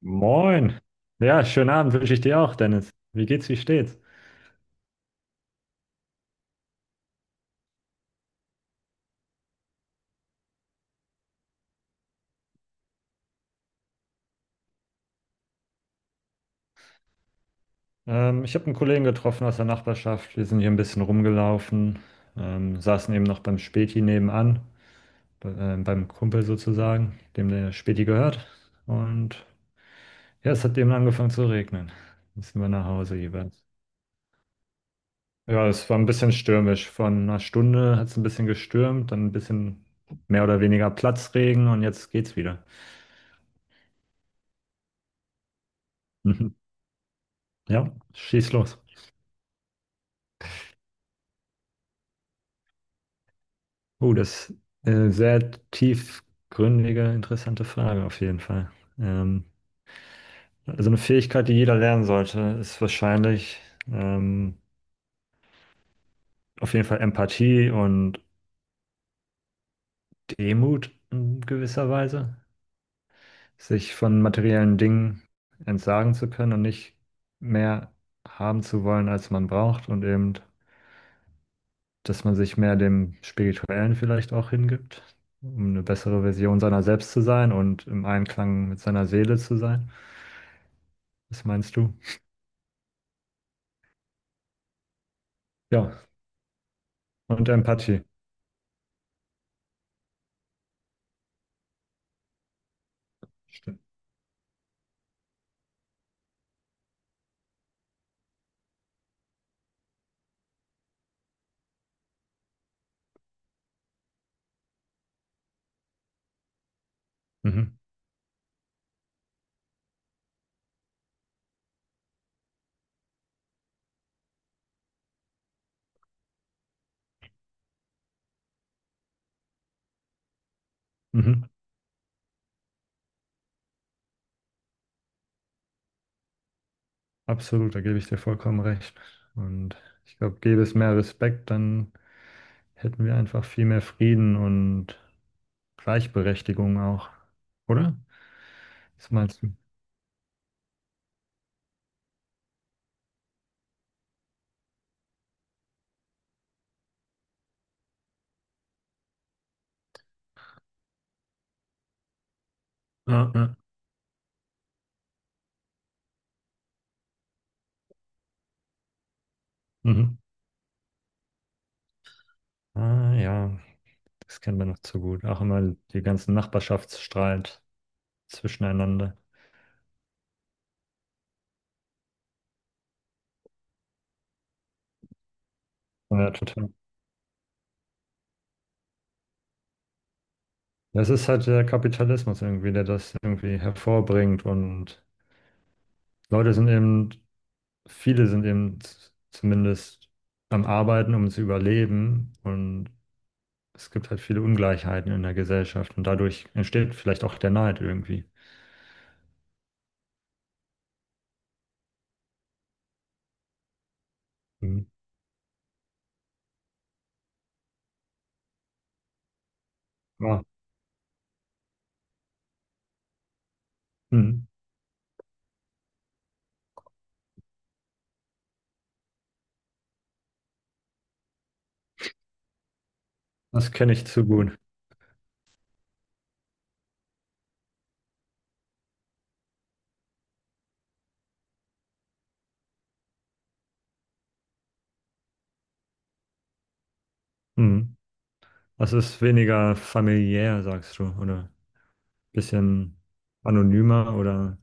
Moin. Ja, schönen Abend wünsche ich dir auch, Dennis. Wie geht's, wie steht's? Ich habe einen Kollegen getroffen aus der Nachbarschaft. Wir sind hier ein bisschen rumgelaufen, saßen eben noch beim Späti nebenan, beim Kumpel sozusagen, dem der Späti gehört. Und ja, es hat eben angefangen zu regnen. Jetzt sind wir nach Hause jeweils. Ja, es war ein bisschen stürmisch. Von einer Stunde hat es ein bisschen gestürmt, dann ein bisschen mehr oder weniger Platzregen und jetzt geht's wieder. Ja, schieß los. Oh, das ist eine sehr tiefgründige, interessante Frage auf jeden Fall. Ähm, also eine Fähigkeit, die jeder lernen sollte, ist wahrscheinlich ähm, auf jeden Fall Empathie und Demut in gewisser Weise. Sich von materiellen Dingen entsagen zu können und nicht mehr haben zu wollen, als man braucht und eben, dass man sich mehr dem Spirituellen vielleicht auch hingibt, um eine bessere Version seiner selbst zu sein und im Einklang mit seiner Seele zu sein. Was meinst du? Ja, und Empathie. Stimmt. Mhm. Mhm. Absolut, da gebe ich dir vollkommen recht. Und ich glaube, gäbe es mehr Respekt, dann hätten wir einfach viel mehr Frieden und Gleichberechtigung auch. Oder? Was meinst du? Ja, ja. Mhm. Ah, ja, das kennen wir noch zu gut. Auch immer die ganzen Nachbarschaftsstreit zwischeneinander. Ja, total. Das ist halt der Kapitalismus irgendwie, der das irgendwie hervorbringt und Leute sind eben viele sind eben zumindest am Arbeiten, um zu überleben. Und es gibt halt viele Ungleichheiten in der Gesellschaft. Und dadurch entsteht vielleicht auch der Neid irgendwie. Mhm. Ja. Mhm. Das kenne ich zu gut. Mhm. Das ist weniger familiär, sagst du, oder ein bisschen anonymer oder.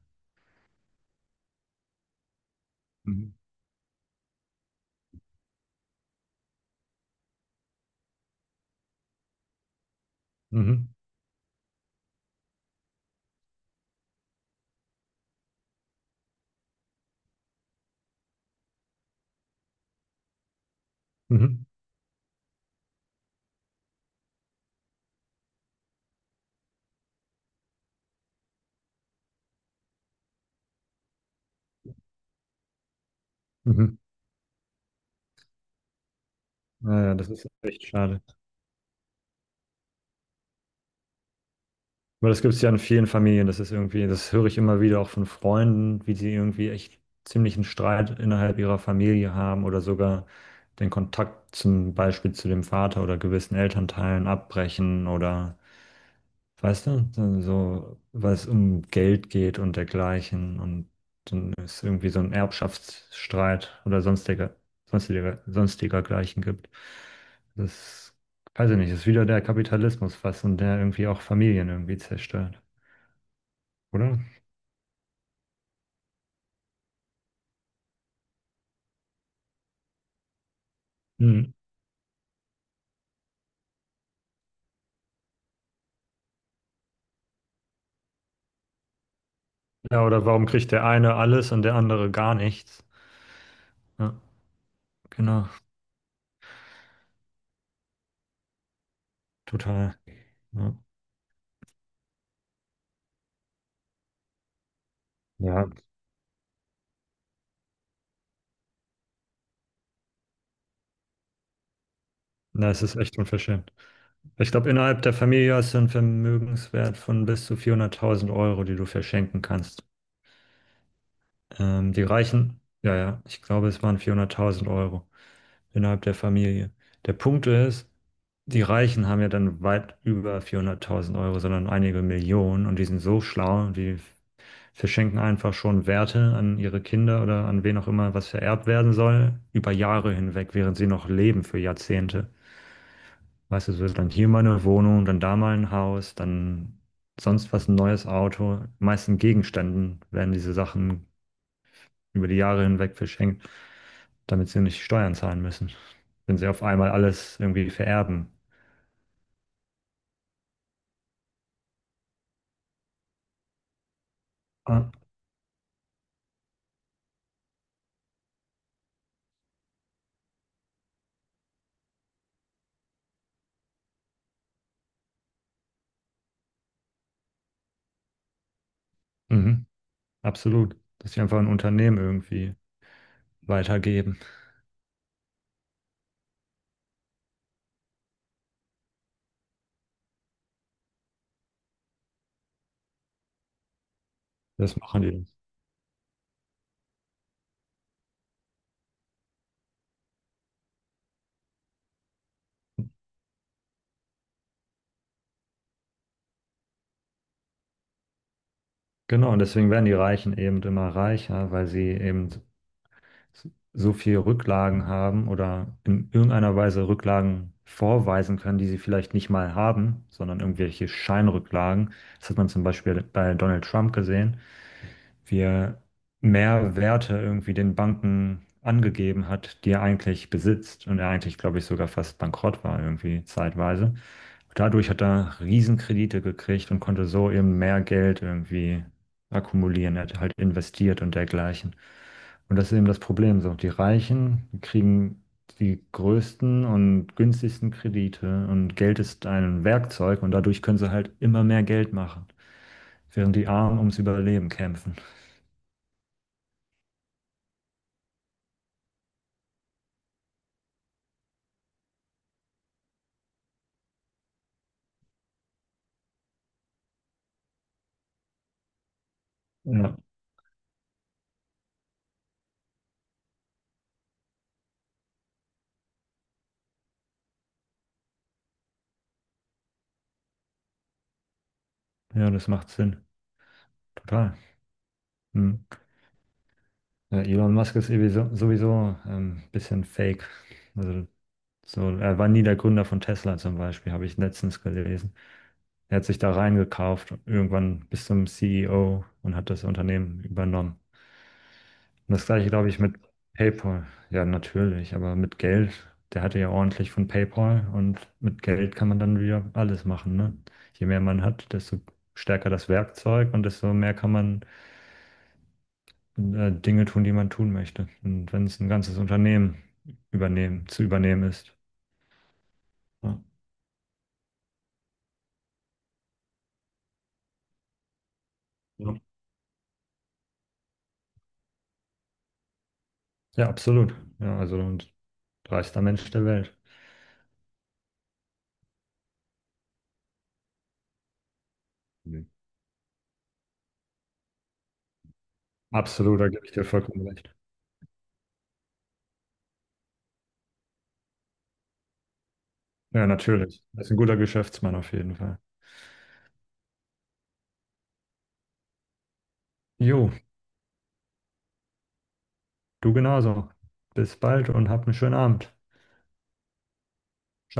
Mhm. Mhm. Mhm. Mhm. Naja, das ist echt schade. Aber das gibt es ja in vielen Familien. Das ist irgendwie, das höre ich immer wieder auch von Freunden, wie die irgendwie echt ziemlichen Streit innerhalb ihrer Familie haben oder sogar den Kontakt zum Beispiel zu dem Vater oder gewissen Elternteilen abbrechen oder, weißt du, dann so, weil es um Geld geht und dergleichen und es ist irgendwie so ein Erbschaftsstreit oder sonstiger gleichen gibt. Das, weiß ich nicht, ist wieder der Kapitalismus fast und der irgendwie auch Familien irgendwie zerstört, oder? Hm. Ja, oder warum kriegt der eine alles und der andere gar nichts? Ja, genau, total. Ja, ja. Na, es ist echt unverschämt. Ich glaube, innerhalb der Familie hast du einen Vermögenswert von bis zu 400.000 Euro, die du verschenken kannst. Die Reichen, ja, ja, ich glaube, es waren 400.000 Euro innerhalb der Familie. Der Punkt ist, die Reichen haben ja dann weit über 400.000 Euro, sondern einige Millionen und die sind so schlau, die verschenken einfach schon Werte an ihre Kinder oder an wen auch immer, was vererbt werden soll, über Jahre hinweg, während sie noch leben, für Jahrzehnte. Weißt du, so ist dann hier mal eine Wohnung, dann da mal ein Haus, dann sonst was, ein neues Auto. Meistens Gegenständen werden diese Sachen über die Jahre hinweg verschenkt, damit sie nicht Steuern zahlen müssen, wenn sie auf einmal alles irgendwie vererben. Ah, mhm, absolut. Dass sie einfach ein Unternehmen irgendwie weitergeben. Das machen die. Genau, und deswegen werden die Reichen eben immer reicher, weil sie eben so viel Rücklagen haben oder in irgendeiner Weise Rücklagen vorweisen können, die sie vielleicht nicht mal haben, sondern irgendwelche Scheinrücklagen. Das hat man zum Beispiel bei Donald Trump gesehen, wir mehr Werte irgendwie den Banken angegeben hat, die er eigentlich besitzt und er eigentlich, glaube ich, sogar fast bankrott war irgendwie zeitweise. Dadurch hat er Riesenkredite gekriegt und konnte so eben mehr Geld irgendwie akkumulieren. Er hat halt investiert und dergleichen. Und das ist eben das Problem. So, die Reichen kriegen die größten und günstigsten Kredite und Geld ist ein Werkzeug und dadurch können sie halt immer mehr Geld machen, während die Armen ums Überleben kämpfen. Ja, ja. Ja, das macht Sinn. Total. Hm. Ja, Elon Musk ist irgendwie sowieso ein bisschen fake. Also so, er war nie der Gründer von Tesla zum Beispiel, habe ich letztens gelesen. Er hat sich da reingekauft, irgendwann bis zum CEO und hat das Unternehmen übernommen. Und das gleiche, glaube ich, mit PayPal. Ja, natürlich, aber mit Geld. Der hatte ja ordentlich von PayPal und mit Geld kann man dann wieder alles machen, ne? Je mehr man hat, desto stärker das Werkzeug und desto mehr kann man Dinge tun, die man tun möchte. Und wenn es ein ganzes Unternehmen übernehmen, zu übernehmen ist. Ja, ja. Ja, absolut. Ja, also und reichster Mensch der Welt. Nee. Absolut, da gebe ich dir vollkommen recht. Ja, natürlich. Das ist ein guter Geschäftsmann auf jeden Fall. Jo, du genauso. Bis bald und hab einen schönen Abend. Ciao.